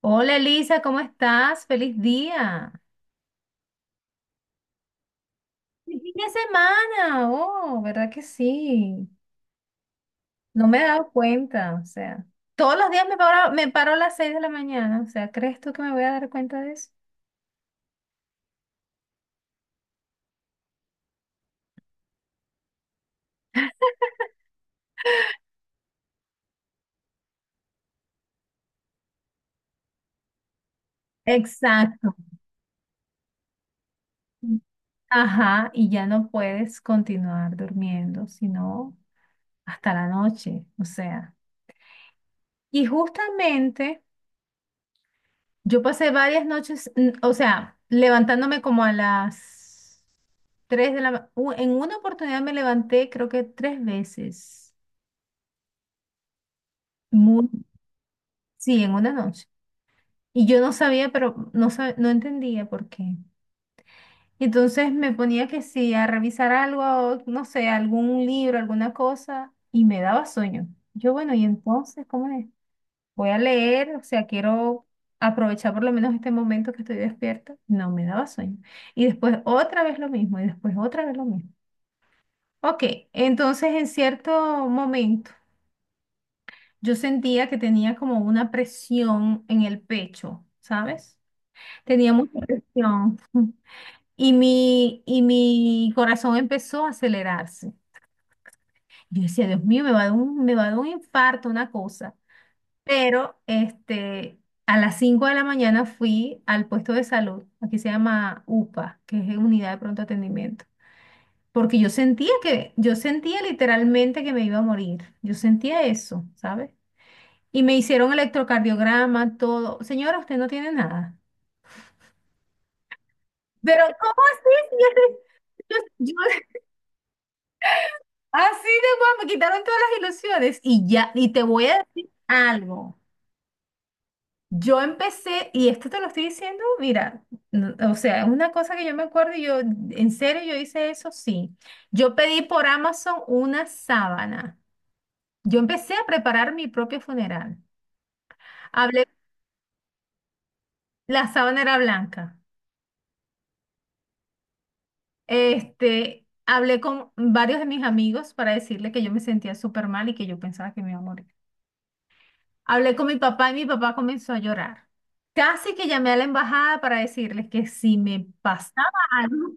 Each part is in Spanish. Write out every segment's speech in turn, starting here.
Hola Elisa, ¿cómo estás? ¡Feliz día! ¡Feliz fin de semana! Oh, ¿verdad que sí? No me he dado cuenta, o sea, todos los días me paro a las 6 de la mañana, o sea, ¿crees tú que me voy a dar cuenta de eso? Exacto. Ajá, y ya no puedes continuar durmiendo, sino hasta la noche, o sea. Y justamente yo pasé varias noches, o sea, levantándome como a las Tres de la ma- u- En una oportunidad me levanté, creo que tres veces. Muy, sí, en una noche. Y yo no sabía, pero no, no entendía por qué. Y entonces me ponía que sí, a revisar algo, no sé, algún libro, alguna cosa, y me daba sueño. Yo, bueno, y entonces, ¿cómo es? Voy a leer, o sea, quiero aprovechar por lo menos este momento que estoy despierta. No, me daba sueño. Y después otra vez lo mismo, y después otra vez lo mismo. Ok, entonces en cierto momento. Yo sentía que tenía como una presión en el pecho, ¿sabes? Tenía mucha presión y mi corazón empezó a acelerarse. Yo decía, Dios mío, me va a dar un infarto, una cosa. Pero este, a las 5 de la mañana fui al puesto de salud, aquí se llama UPA, que es Unidad de Pronto Atendimiento, porque yo sentía literalmente que me iba a morir. Yo sentía eso, ¿sabes? Y me hicieron electrocardiograma, todo. Señora, usted no tiene nada. Pero, ¿cómo así? Si yo, yo- yo- así de guapo, me quitaron todas las ilusiones y ya, y te voy a decir algo. Yo empecé, y esto te lo estoy diciendo, mira, o sea, es una cosa que yo me acuerdo y yo, en serio, yo hice eso, sí. Yo pedí por Amazon una sábana. Yo empecé a preparar mi propio funeral. Hablé, la sábana era blanca. Este, hablé con varios de mis amigos para decirle que yo me sentía súper mal y que yo pensaba que me iba a morir. Hablé con mi papá y mi papá comenzó a llorar. Casi que llamé a la embajada para decirles que si me pasaba algo,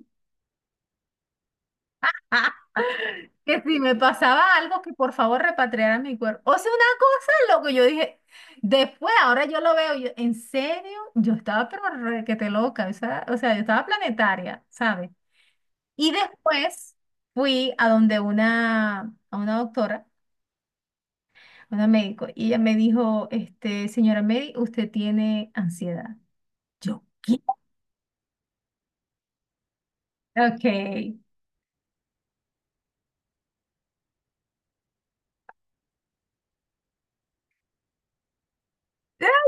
que si me pasaba algo, que por favor repatriaran mi cuerpo. O sea, una cosa, loco, yo dije, después, ahora yo lo veo, yo, en serio, yo estaba pero requete loca, o sea, yo estaba planetaria, ¿sabes? Y después fui a donde una, a una doctora, a una médico, y ella me dijo, este, señora Mary, usted tiene ansiedad. Yo, ¿qué? Ok. Ay,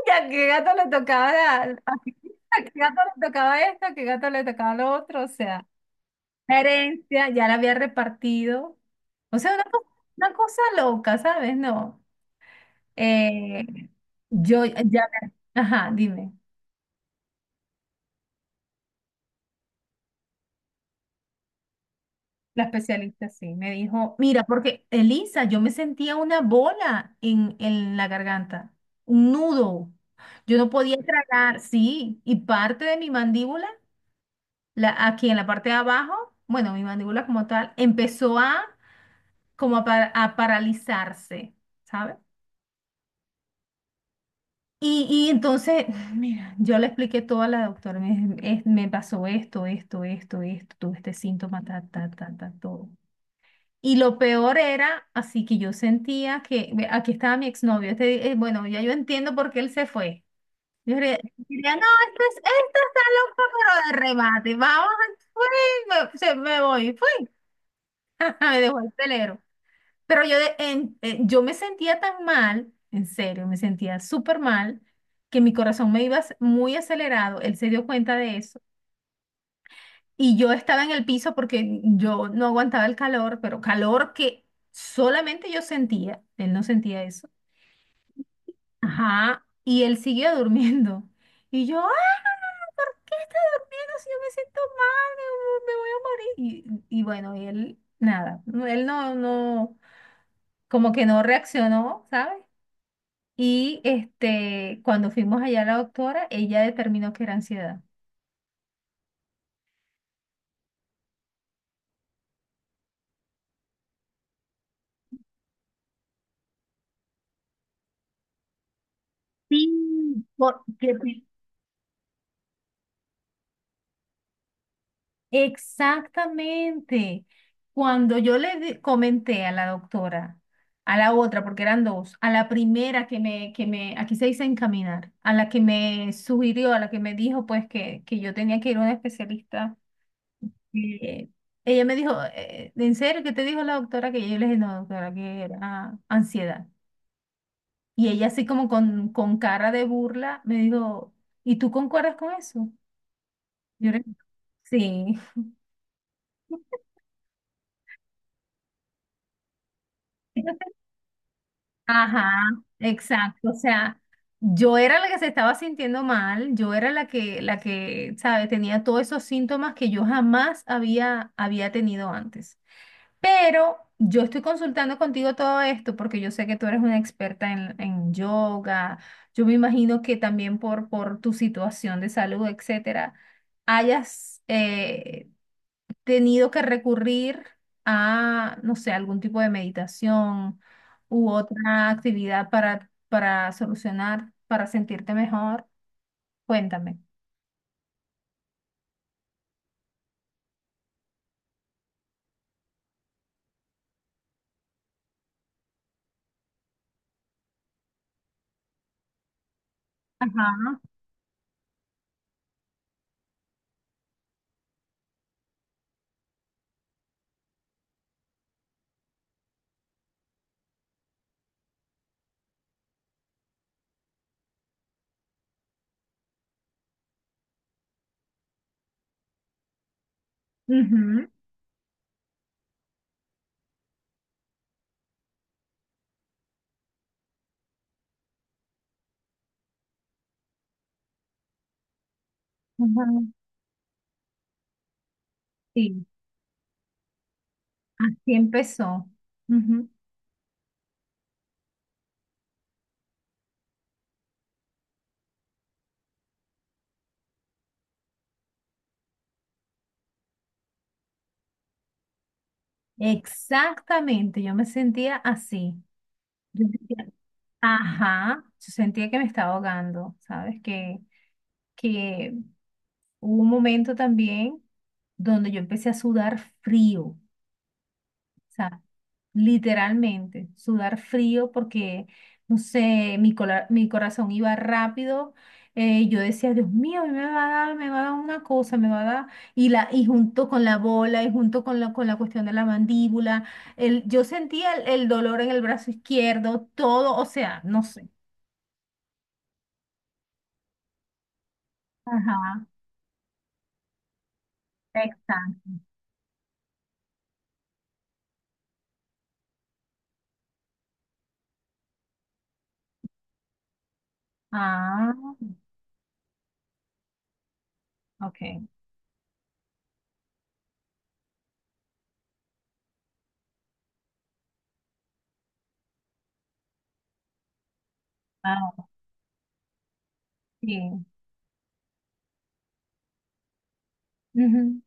¿a qué gato le tocaba a qué gato le tocaba esto? ¿A qué gato le tocaba lo otro? O sea, la herencia ya la había repartido. O sea, una cosa loca, ¿sabes? No. Eh, yo ya... Ajá, dime. La especialista sí, me dijo, mira, porque Elisa, yo me sentía una bola en la garganta, un nudo. Yo no podía tragar, sí, y parte de mi mandíbula, la, aquí en la parte de abajo, bueno, mi mandíbula como tal, empezó a a paralizarse, ¿sabes? Y entonces, mira, yo le expliqué todo a la doctora, me, dije, me pasó esto, esto, esto, esto, tuve este síntoma, ta, ta, ta, ta, todo. Y lo peor era, así que yo sentía que ve, aquí estaba mi exnovio. Este, bueno, ya yo entiendo por qué él se fue. Yo diría, diría, no, este, este está loco, pero de remate. Vamos, fue, me, me voy, fue. Me dejó el telero. Pero yo, yo me sentía tan mal, en serio, me sentía súper mal, que mi corazón me iba muy acelerado. Él se dio cuenta de eso. Y yo estaba en el piso porque yo no aguantaba el calor, pero calor que solamente yo sentía. Él no sentía eso. Ajá. Y él siguió durmiendo. Y yo, ah, ¿por qué está durmiendo si yo me siento mal? Me voy a morir. Y bueno, y él, nada. No, él no, no, como que no reaccionó, ¿sabes? Y este, cuando fuimos allá a la doctora, ella determinó que era ansiedad. Sí, porque exactamente. Cuando yo comenté a la doctora, a la otra, porque eran dos, a la primera que me, aquí se dice encaminar, a la que me sugirió, a la que me dijo pues que yo tenía que ir a una especialista, eh, ella me dijo, ¿en serio qué te dijo la doctora? Que yo le dije, no, doctora, que era ansiedad. Y ella así como con cara de burla me dijo, ¿y tú concuerdas con eso? Yo le dije, sí. Ajá, exacto. O sea, yo era la que se estaba sintiendo mal, yo era la que, ¿sabes? Tenía todos esos síntomas que yo jamás había, había tenido antes. Pero yo estoy consultando contigo todo esto porque yo sé que tú eres una experta en yoga. Yo me imagino que también por tu situación de salud, etcétera, hayas, tenido que recurrir a, no sé, algún tipo de meditación u otra actividad para solucionar, para sentirte mejor. Cuéntame. Ajá. Ujú, ujú, sí, así empezó. Ujú. Exactamente, yo me sentía así. Yo sentía- ajá, yo sentía que me estaba ahogando, ¿sabes? Que hubo un momento también donde yo empecé a sudar frío. O sea, literalmente, sudar frío porque, no sé, mi corazón iba rápido. Eh, yo decía, Dios mío, a mí me va a dar, me va a dar una cosa, me va a dar. Y, la, y junto con la bola, y junto con la cuestión de la mandíbula, el, yo sentía el dolor en el brazo izquierdo, todo, o sea, no sé. Ajá, exacto. Ah, ok. Ah, sí. Ujú,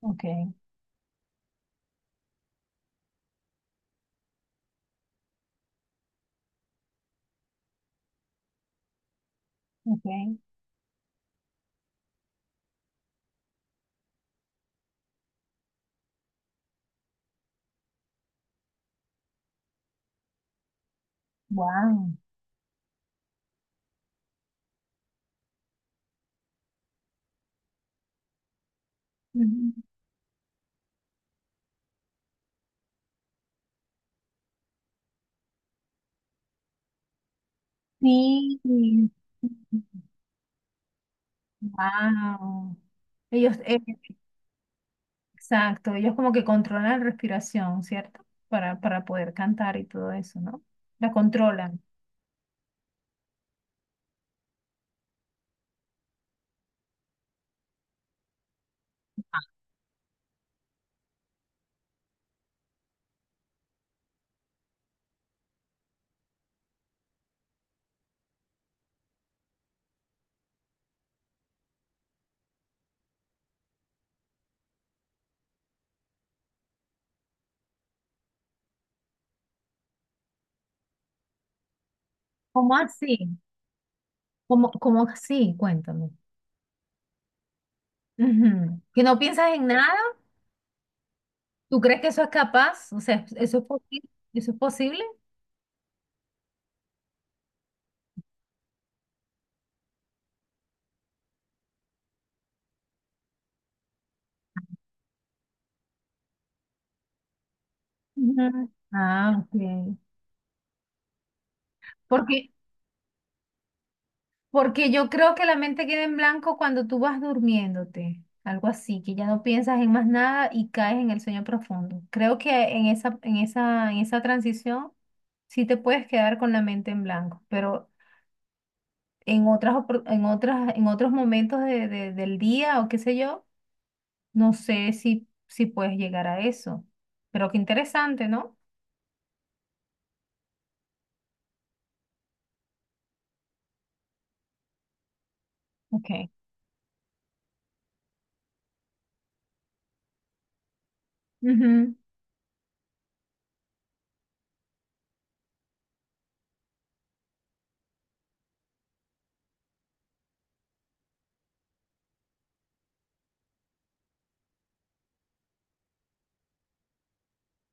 ok, ok. Wow. Sí, wow. Ellos, exacto, ellos como que controlan la respiración, ¿cierto? Para poder cantar y todo eso, ¿no? La controlan. ¿Cómo así? ¿Cómo, cómo así? Cuéntame. Ujú. ¿Que no piensas en nada? ¿Tú crees que eso es capaz? O sea, ¿eso es posible? ¿Eso es posible? Ujú. Ah, ok. Porque porque yo creo que la mente queda en blanco cuando tú vas durmiéndote, algo así, que ya no piensas en más nada y caes en el sueño profundo. Creo que en esa transición sí te puedes quedar con la mente en blanco, pero en otras, en otras, en otros momentos del día o qué sé yo, no sé si, si puedes llegar a eso. Pero qué interesante, ¿no? Ok. Ujú.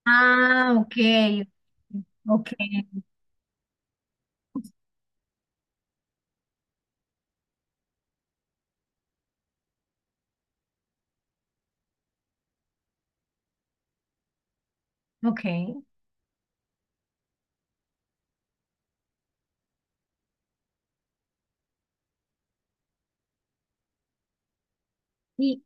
Ah, ok. Ok, ok. Y,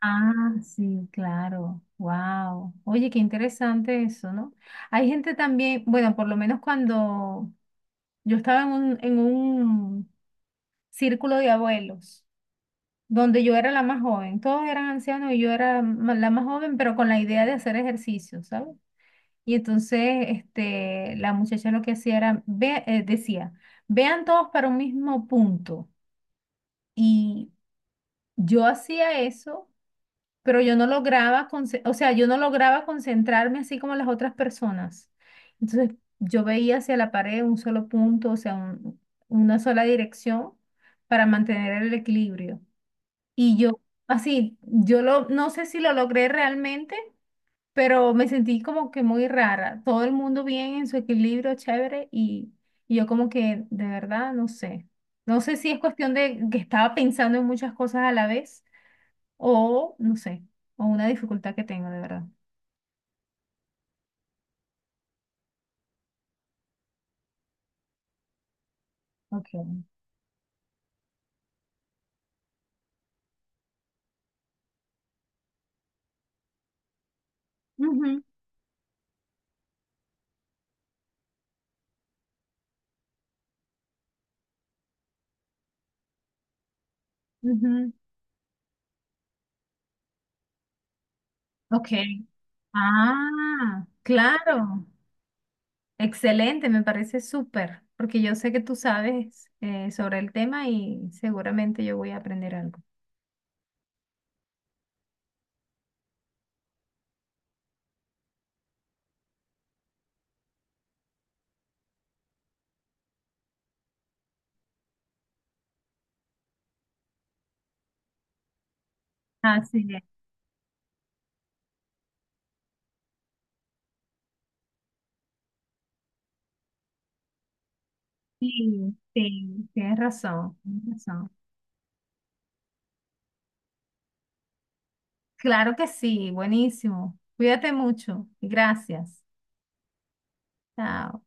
ah, sí, claro. Wow. Oye, qué interesante eso, ¿no? Hay gente también, bueno, por lo menos cuando yo estaba en un círculo de abuelos, donde yo era la más joven, todos eran ancianos y yo era la más joven, pero con la idea de hacer ejercicio, ¿sabes? Y entonces, este, la muchacha lo que hacía era, ve, decía, vean todos para un mismo punto. Y yo hacía eso, pero yo no lograba, o sea, yo no lograba concentrarme así como las otras personas. Entonces, yo veía hacia la pared un solo punto, o sea, una sola dirección para mantener el equilibrio. Y yo, así, yo lo, no sé si lo logré realmente, pero me sentí como que muy rara. Todo el mundo bien en su equilibrio, chévere, y yo como que, de verdad, no sé. No sé si es cuestión de que estaba pensando en muchas cosas a la vez o, no sé, o una dificultad que tengo, de verdad. Ok. Ujú, ujú. Ok. Ah, claro. Excelente, me parece súper, porque yo sé que tú sabes sobre el tema y seguramente yo voy a aprender algo. Así es. Sí, sí, tienes razón, tienes razón. Claro que sí, buenísimo. Cuídate mucho y gracias. Chao.